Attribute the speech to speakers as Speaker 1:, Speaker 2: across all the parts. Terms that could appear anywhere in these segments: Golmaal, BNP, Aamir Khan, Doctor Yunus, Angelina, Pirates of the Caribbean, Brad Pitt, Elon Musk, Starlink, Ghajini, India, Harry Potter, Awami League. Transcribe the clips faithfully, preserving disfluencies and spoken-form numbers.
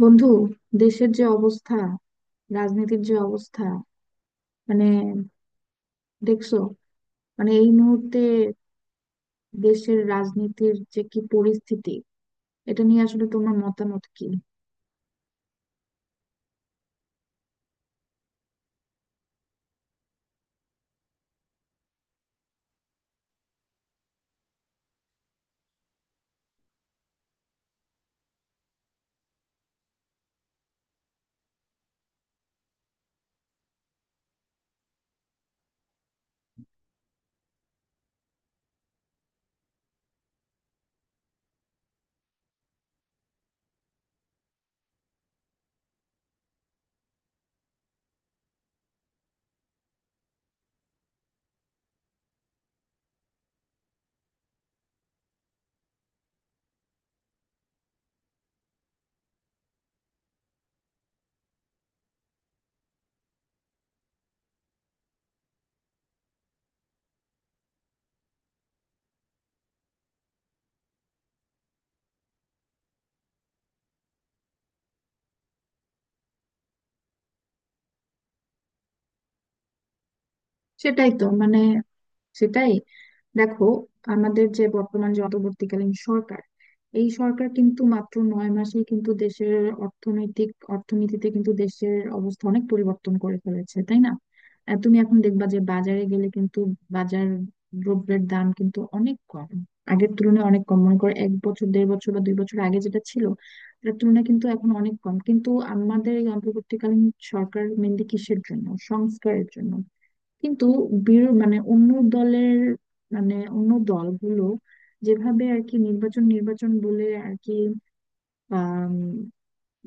Speaker 1: বন্ধু, দেশের যে অবস্থা, রাজনীতির যে অবস্থা, মানে দেখছো, মানে এই মুহূর্তে দেশের রাজনীতির যে কি পরিস্থিতি, এটা নিয়ে আসলে তোমার মতামত কি? সেটাই তো মানে সেটাই দেখো, আমাদের যে বর্তমান যে অন্তর্বর্তীকালীন সরকার, এই সরকার কিন্তু মাত্র নয় মাসেই কিন্তু দেশের অর্থনৈতিক অর্থনীতিতে কিন্তু দেশের অবস্থা অনেক পরিবর্তন করে ফেলেছে, তাই না? আহ, তুমি এখন দেখবা যে বাজারে গেলে কিন্তু, বাজার দ্রব্যের দাম কিন্তু অনেক কম, আগের তুলনায় অনেক কম। মনে করো এক বছর, দেড় বছর বা দুই বছর আগে যেটা ছিল, তার তুলনায় কিন্তু এখন অনেক কম। কিন্তু আমাদের এই অন্তর্বর্তীকালীন সরকার মেনলি কিসের জন্য? সংস্কারের জন্য। কিন্তু বিরো- মানে অন্য দলের, মানে অন্য দলগুলো যেভাবে আর কি নির্বাচন নির্বাচন বলে আর কি আম,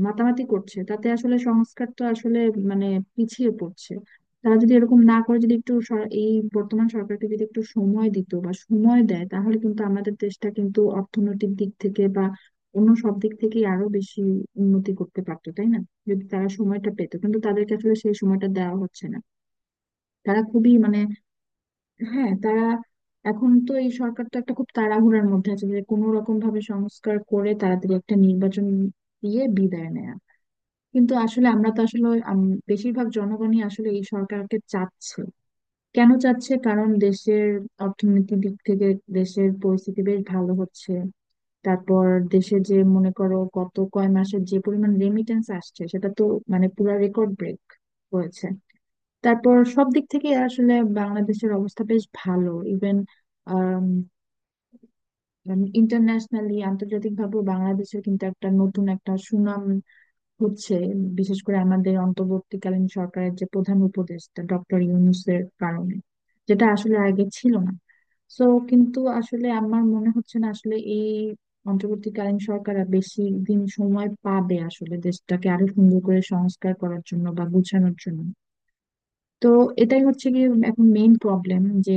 Speaker 1: মাতামাতি করছে, তাতে আসলে সংস্কার তো আসলে মানে পিছিয়ে পড়ছে। তারা যদি এরকম না করে, যদি একটু সর- এই বর্তমান সরকারকে যদি একটু সময় দিত বা সময় দেয়, তাহলে কিন্তু আমাদের দেশটা কিন্তু অর্থনৈতিক দিক থেকে বা অন্য সব দিক থেকেই আরো বেশি উন্নতি করতে পারতো, তাই না? যদি তারা সময়টা পেতো, কিন্তু তাদেরকে আসলে সেই সময়টা দেওয়া হচ্ছে না। তারা খুবই মানে, হ্যাঁ তারা এখন তো, এই সরকার তো একটা খুব তাড়াহুড়ার মধ্যে আছে যে কোনো রকম ভাবে সংস্কার করে তাড়াতাড়ি একটা নির্বাচন দিয়ে বিদায় নেয়া। কিন্তু আসলে আমরা তো আসলে আম, বেশিরভাগ জনগণই আসলে এই সরকারকে চাচ্ছে। কেন চাচ্ছে? কারণ দেশের অর্থনৈতিক দিক থেকে দেশের পরিস্থিতি বেশ ভালো হচ্ছে। তারপর দেশে যে মনে করো গত কয় মাসের যে পরিমাণ রেমিটেন্স আসছে, সেটা তো মানে পুরা রেকর্ড ব্রেক হয়েছে। তারপর সব দিক থেকে আসলে বাংলাদেশের অবস্থা বেশ ভালো। ইভেন ইন্টারন্যাশনালি, আন্তর্জাতিক ভাবে বাংলাদেশের কিন্তু একটা নতুন একটা সুনাম হচ্ছে, বিশেষ করে আমাদের অন্তর্বর্তীকালীন সরকারের যে প্রধান উপদেষ্টা ডক্টর ইউনূসের কারণে, যেটা আসলে আগে ছিল না। সো, কিন্তু আসলে আমার মনে হচ্ছে না আসলে এই অন্তর্বর্তীকালীন সরকার আর বেশি দিন সময় পাবে আসলে দেশটাকে আরো সুন্দর করে সংস্কার করার জন্য বা গুছানোর জন্য। তো, এটাই হচ্ছে গিয়ে এখন মেইন প্রবলেম, যে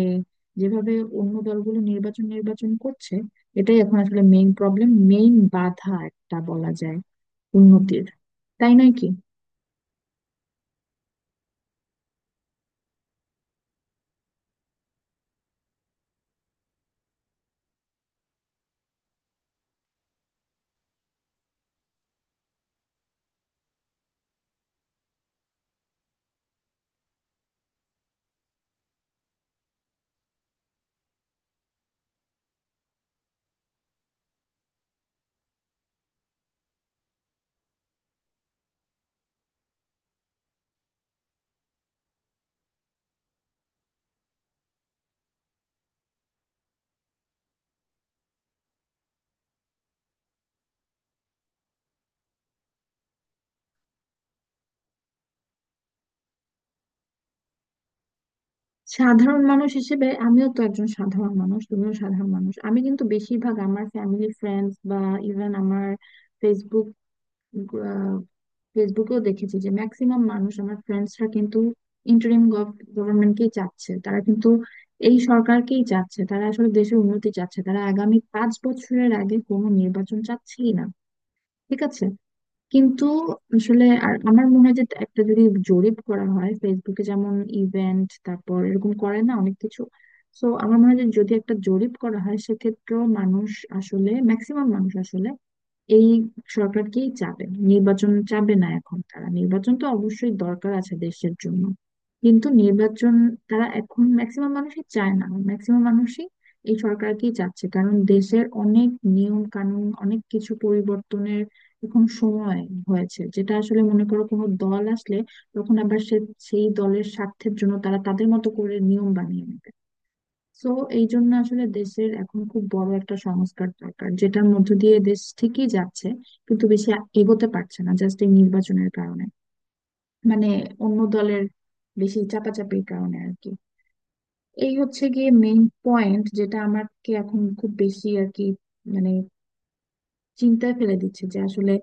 Speaker 1: যেভাবে অন্য দলগুলো নির্বাচন নির্বাচন করছে, এটাই এখন আসলে মেইন প্রবলেম, মেইন বাধা একটা বলা যায় উন্নতির, তাই নয় কি? সাধারণ মানুষ হিসেবে, আমিও তো একজন সাধারণ মানুষ, তুমিও সাধারণ মানুষ। আমি কিন্তু বেশিরভাগ আমার ফ্যামিলি ফ্রেন্ডস বা ইভেন আমার ফেসবুক ফেসবুকেও দেখেছি যে ম্যাক্সিমাম মানুষ, আমার ফ্রেন্ডসরা কিন্তু ইন্টারিম গভর্নমেন্টকেই চাচ্ছে। তারা কিন্তু এই সরকারকেই চাচ্ছে, তারা আসলে দেশের উন্নতি চাচ্ছে, তারা আগামী পাঁচ বছরের আগে কোনো নির্বাচন চাচ্ছেই না। ঠিক আছে, কিন্তু আসলে আর আমার মনে হয় যে একটা যদি জরিপ করা হয় ফেসবুকে, যেমন ইভেন্ট তারপর এরকম করে না অনেক কিছু। তো আমার মনে হয় যে যদি একটা জরিপ করা হয় সেক্ষেত্রেও মানুষ, আসলে ম্যাক্সিমাম মানুষ আসলে এই সরকারকেই চাবে, নির্বাচন চাবে না এখন তারা। নির্বাচন তো অবশ্যই দরকার আছে দেশের জন্য, কিন্তু নির্বাচন তারা এখন ম্যাক্সিমাম মানুষই চায় না। ম্যাক্সিমাম মানুষই এই সরকারকেই চাচ্ছে, কারণ দেশের অনেক নিয়ম কানুন, অনেক কিছু পরিবর্তনের এখন সময় হয়েছে, যেটা আসলে মনে করো কোনো দল আসলে, তখন আবার সে সেই দলের স্বার্থের জন্য তারা তাদের মতো করে নিয়ম বানিয়ে নেয়। সো, এই জন্য আসলে দেশের এখন খুব বড় একটা সংস্কার দরকার, যেটার মধ্য দিয়ে দেশ ঠিকই যাচ্ছে কিন্তু বেশি এগোতে পারছে না জাস্ট এই নির্বাচনের কারণে, মানে অন্য দলের বেশি চাপাচাপির কারণে আর কি। এই হচ্ছে গিয়ে মেইন পয়েন্ট, যেটা আমাকে এখন খুব বেশি আর কি মানে চিন্তায় ফেলে দিচ্ছে, যে আসলে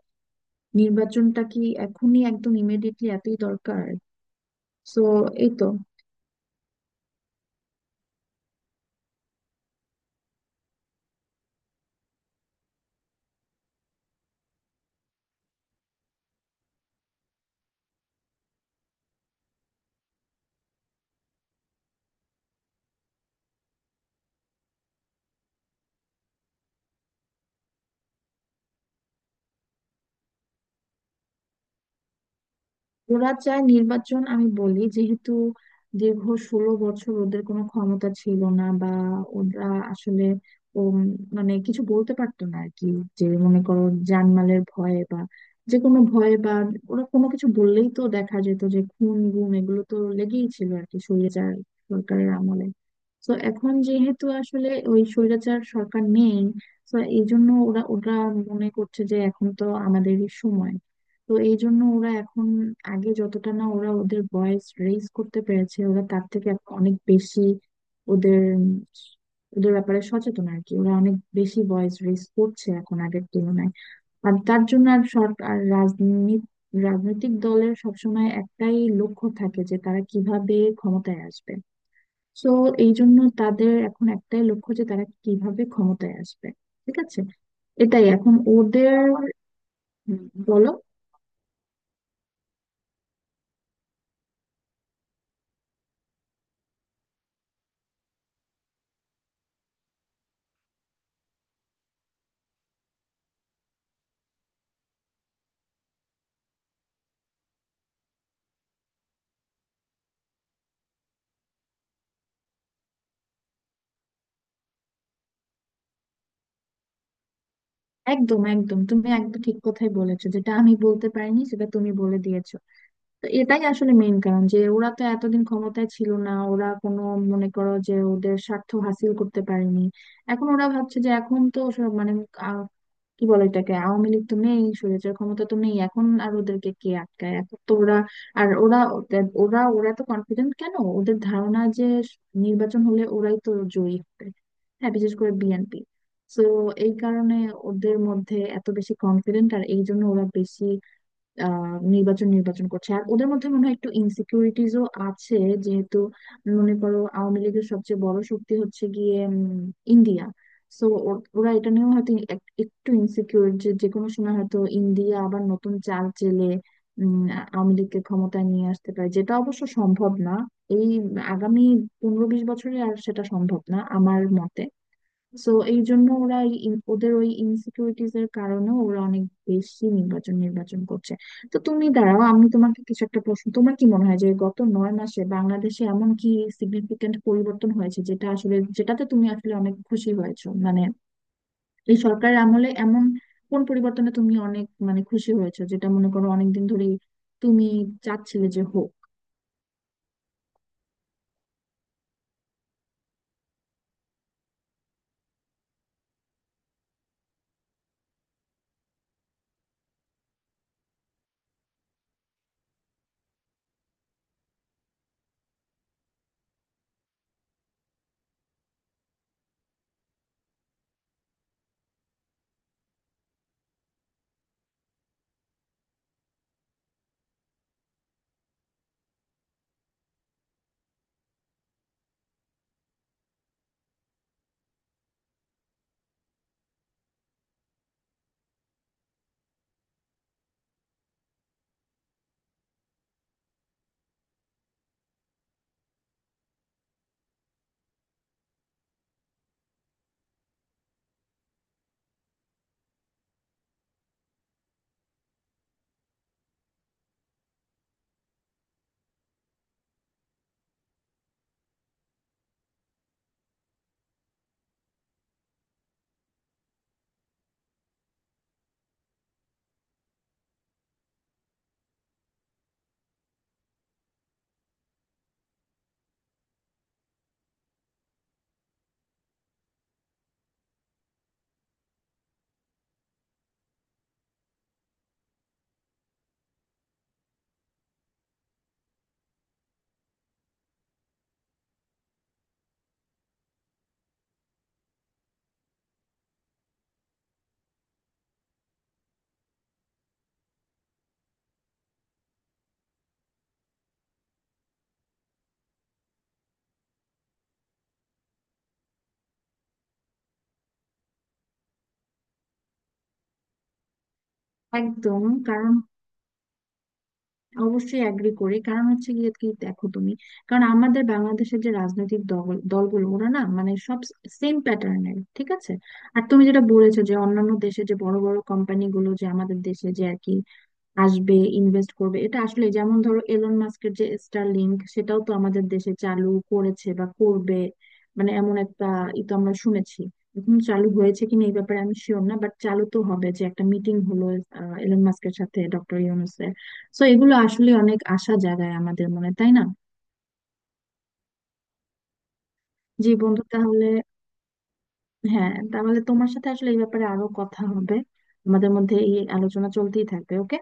Speaker 1: নির্বাচনটা কি এখনই একদম ইমিডিয়েটলি এতই দরকার? সো এই তো। ওরা চায় নির্বাচন, আমি বলি যেহেতু দীর্ঘ ষোলো বছর ওদের কোনো ক্ষমতা ছিল না বা ওরা আসলে উম, মানে কিছু বলতে পারতো না আর কি। যে মনে করো জানমালের ভয়ে বা যে কোনো ভয়ে বা, ওরা কোনো কিছু বললেই তো দেখা যেত যে খুন গুম এগুলো তো লেগেই ছিল আর কি স্বৈরাচার সরকারের আমলে। তো এখন যেহেতু আসলে ওই স্বৈরাচার সরকার নেই, তো এই জন্য ওরা ওরা মনে করছে যে এখন তো আমাদেরই সময়। তো এই জন্য ওরা এখন, আগে যতটা না ওরা ওদের ভয়েস রেইজ করতে পেরেছে, ওরা তার থেকে এখন অনেক বেশি ওদের উম, ওদের ব্যাপারে সচেতন আর কি, ওরা অনেক বেশি ভয়েস রেইজ করছে এখন আগের তুলনায়। আর তার জন্য আর সরকার আর রাজনীতি রাজনৈতিক দলের সবসময় একটাই লক্ষ্য থাকে, যে তারা কিভাবে ক্ষমতায় আসবে। সো এই জন্য তাদের এখন একটাই লক্ষ্য যে তারা কিভাবে ক্ষমতায় আসবে। ঠিক আছে, এটাই এখন ওদের। হুম, বলো। একদম, একদম, তুমি একদম ঠিক কথাই বলেছো, যেটা আমি বলতে পারিনি সেটা তুমি বলে দিয়েছো। তো এটাই আসলে মেইন কারণ, যে ওরা তো এতদিন ক্ষমতায় ছিল না, ওরা কোনো, মনে করো যে ওদের স্বার্থ হাসিল করতে পারেনি। এখন ওরা ভাবছে যে এখন তো সব মানে, কি বলে এটাকে, আওয়ামী লীগ তো নেই, স্বৈরাচার ক্ষমতা তো নেই, এখন আর ওদেরকে কে আটকায়, এখন তো ওরা আর ওরা ওদের- ওরা ওরা তো কনফিডেন্ট। কেন? ওদের ধারণা যে নির্বাচন হলে ওরাই তো জয়ী হবে, হ্যাঁ বিশেষ করে বিএনপি। তো এই কারণে ওদের মধ্যে এত বেশি কনফিডেন্ট, আর এই জন্য ওরা বেশি আহ নির্বাচন নির্বাচন করছে। আর ওদের মধ্যে মনে হয় একটু ইনসিকিউরিটিজও আছে, যেহেতু মনে করো আওয়ামী লীগের সবচেয়ে বড় শক্তি হচ্ছে গিয়ে ইন্ডিয়া। সো, ওরা এটা নিয়েও হয়তো এক- একটু ইনসিকিউর, যে যে কোনো সময় হয়তো ইন্ডিয়া আবার নতুন চাল চেলে উম, আওয়ামী লীগকে ক্ষমতায় নিয়ে আসতে পারে, যেটা অবশ্য সম্ভব না। এই আগামী পনেরো বিশ বছরে আর সেটা সম্ভব না আমার মতে। সো এই জন্য ওরা এই ইন- ওদের ওই ইনসিকিউরিটিজ এর কারণে ওরা অনেক বেশি নির্বাচন নির্বাচন করছে। তো তুমি দাঁড়াও, আমি তোমাকে কিছু একটা প্রশ্ন। তোমার কি মনে হয় যে গত নয় মাসে বাংলাদেশে এমন কি সিগনিফিকেন্ট পরিবর্তন হয়েছে, যেটা আসলে, যেটাতে তুমি আসলে অনেক খুশি হয়েছো, মানে এই সরকারের আমলে এমন কোন পরিবর্তনে তুমি অনেক মানে খুশি হয়েছো, যেটা মনে করো অনেকদিন ধরেই তুমি চাচ্ছিলে যে হোক? একদম। কারণ অবশ্যই অ্যাগ্রি করি, কারণ হচ্ছে গিয়ে কি, দেখো তুমি, কারণ আমাদের বাংলাদেশের যে রাজনৈতিক দল দলগুলো ওরা না মানে সব সেম প্যাটার্নের, ঠিক আছে? আর তুমি যেটা বলেছো যে অন্যান্য দেশে যে বড় বড় কোম্পানিগুলো যে আমাদের দেশে যে আর কি আসবে, ইনভেস্ট করবে, এটা আসলে যেমন ধরো এলন মাস্কের যে স্টারলিংক সেটাও তো আমাদের দেশে চালু করেছে বা করবে, মানে এমন একটা ই তো আমরা শুনেছি। এখন চালু হয়েছে কিনা এই ব্যাপারে আমি শিওর না, বাট চালু তো হবে, যে একটা মিটিং হলো এলন মাস্কের সাথে ডক্টর ইউনুসের। সো এগুলো আসলে অনেক আশা জাগায় আমাদের মনে, তাই না? জি বন্ধু, তাহলে, হ্যাঁ তাহলে তোমার সাথে আসলে এই ব্যাপারে আরো কথা হবে, আমাদের মধ্যে এই আলোচনা চলতেই থাকবে। ওকে।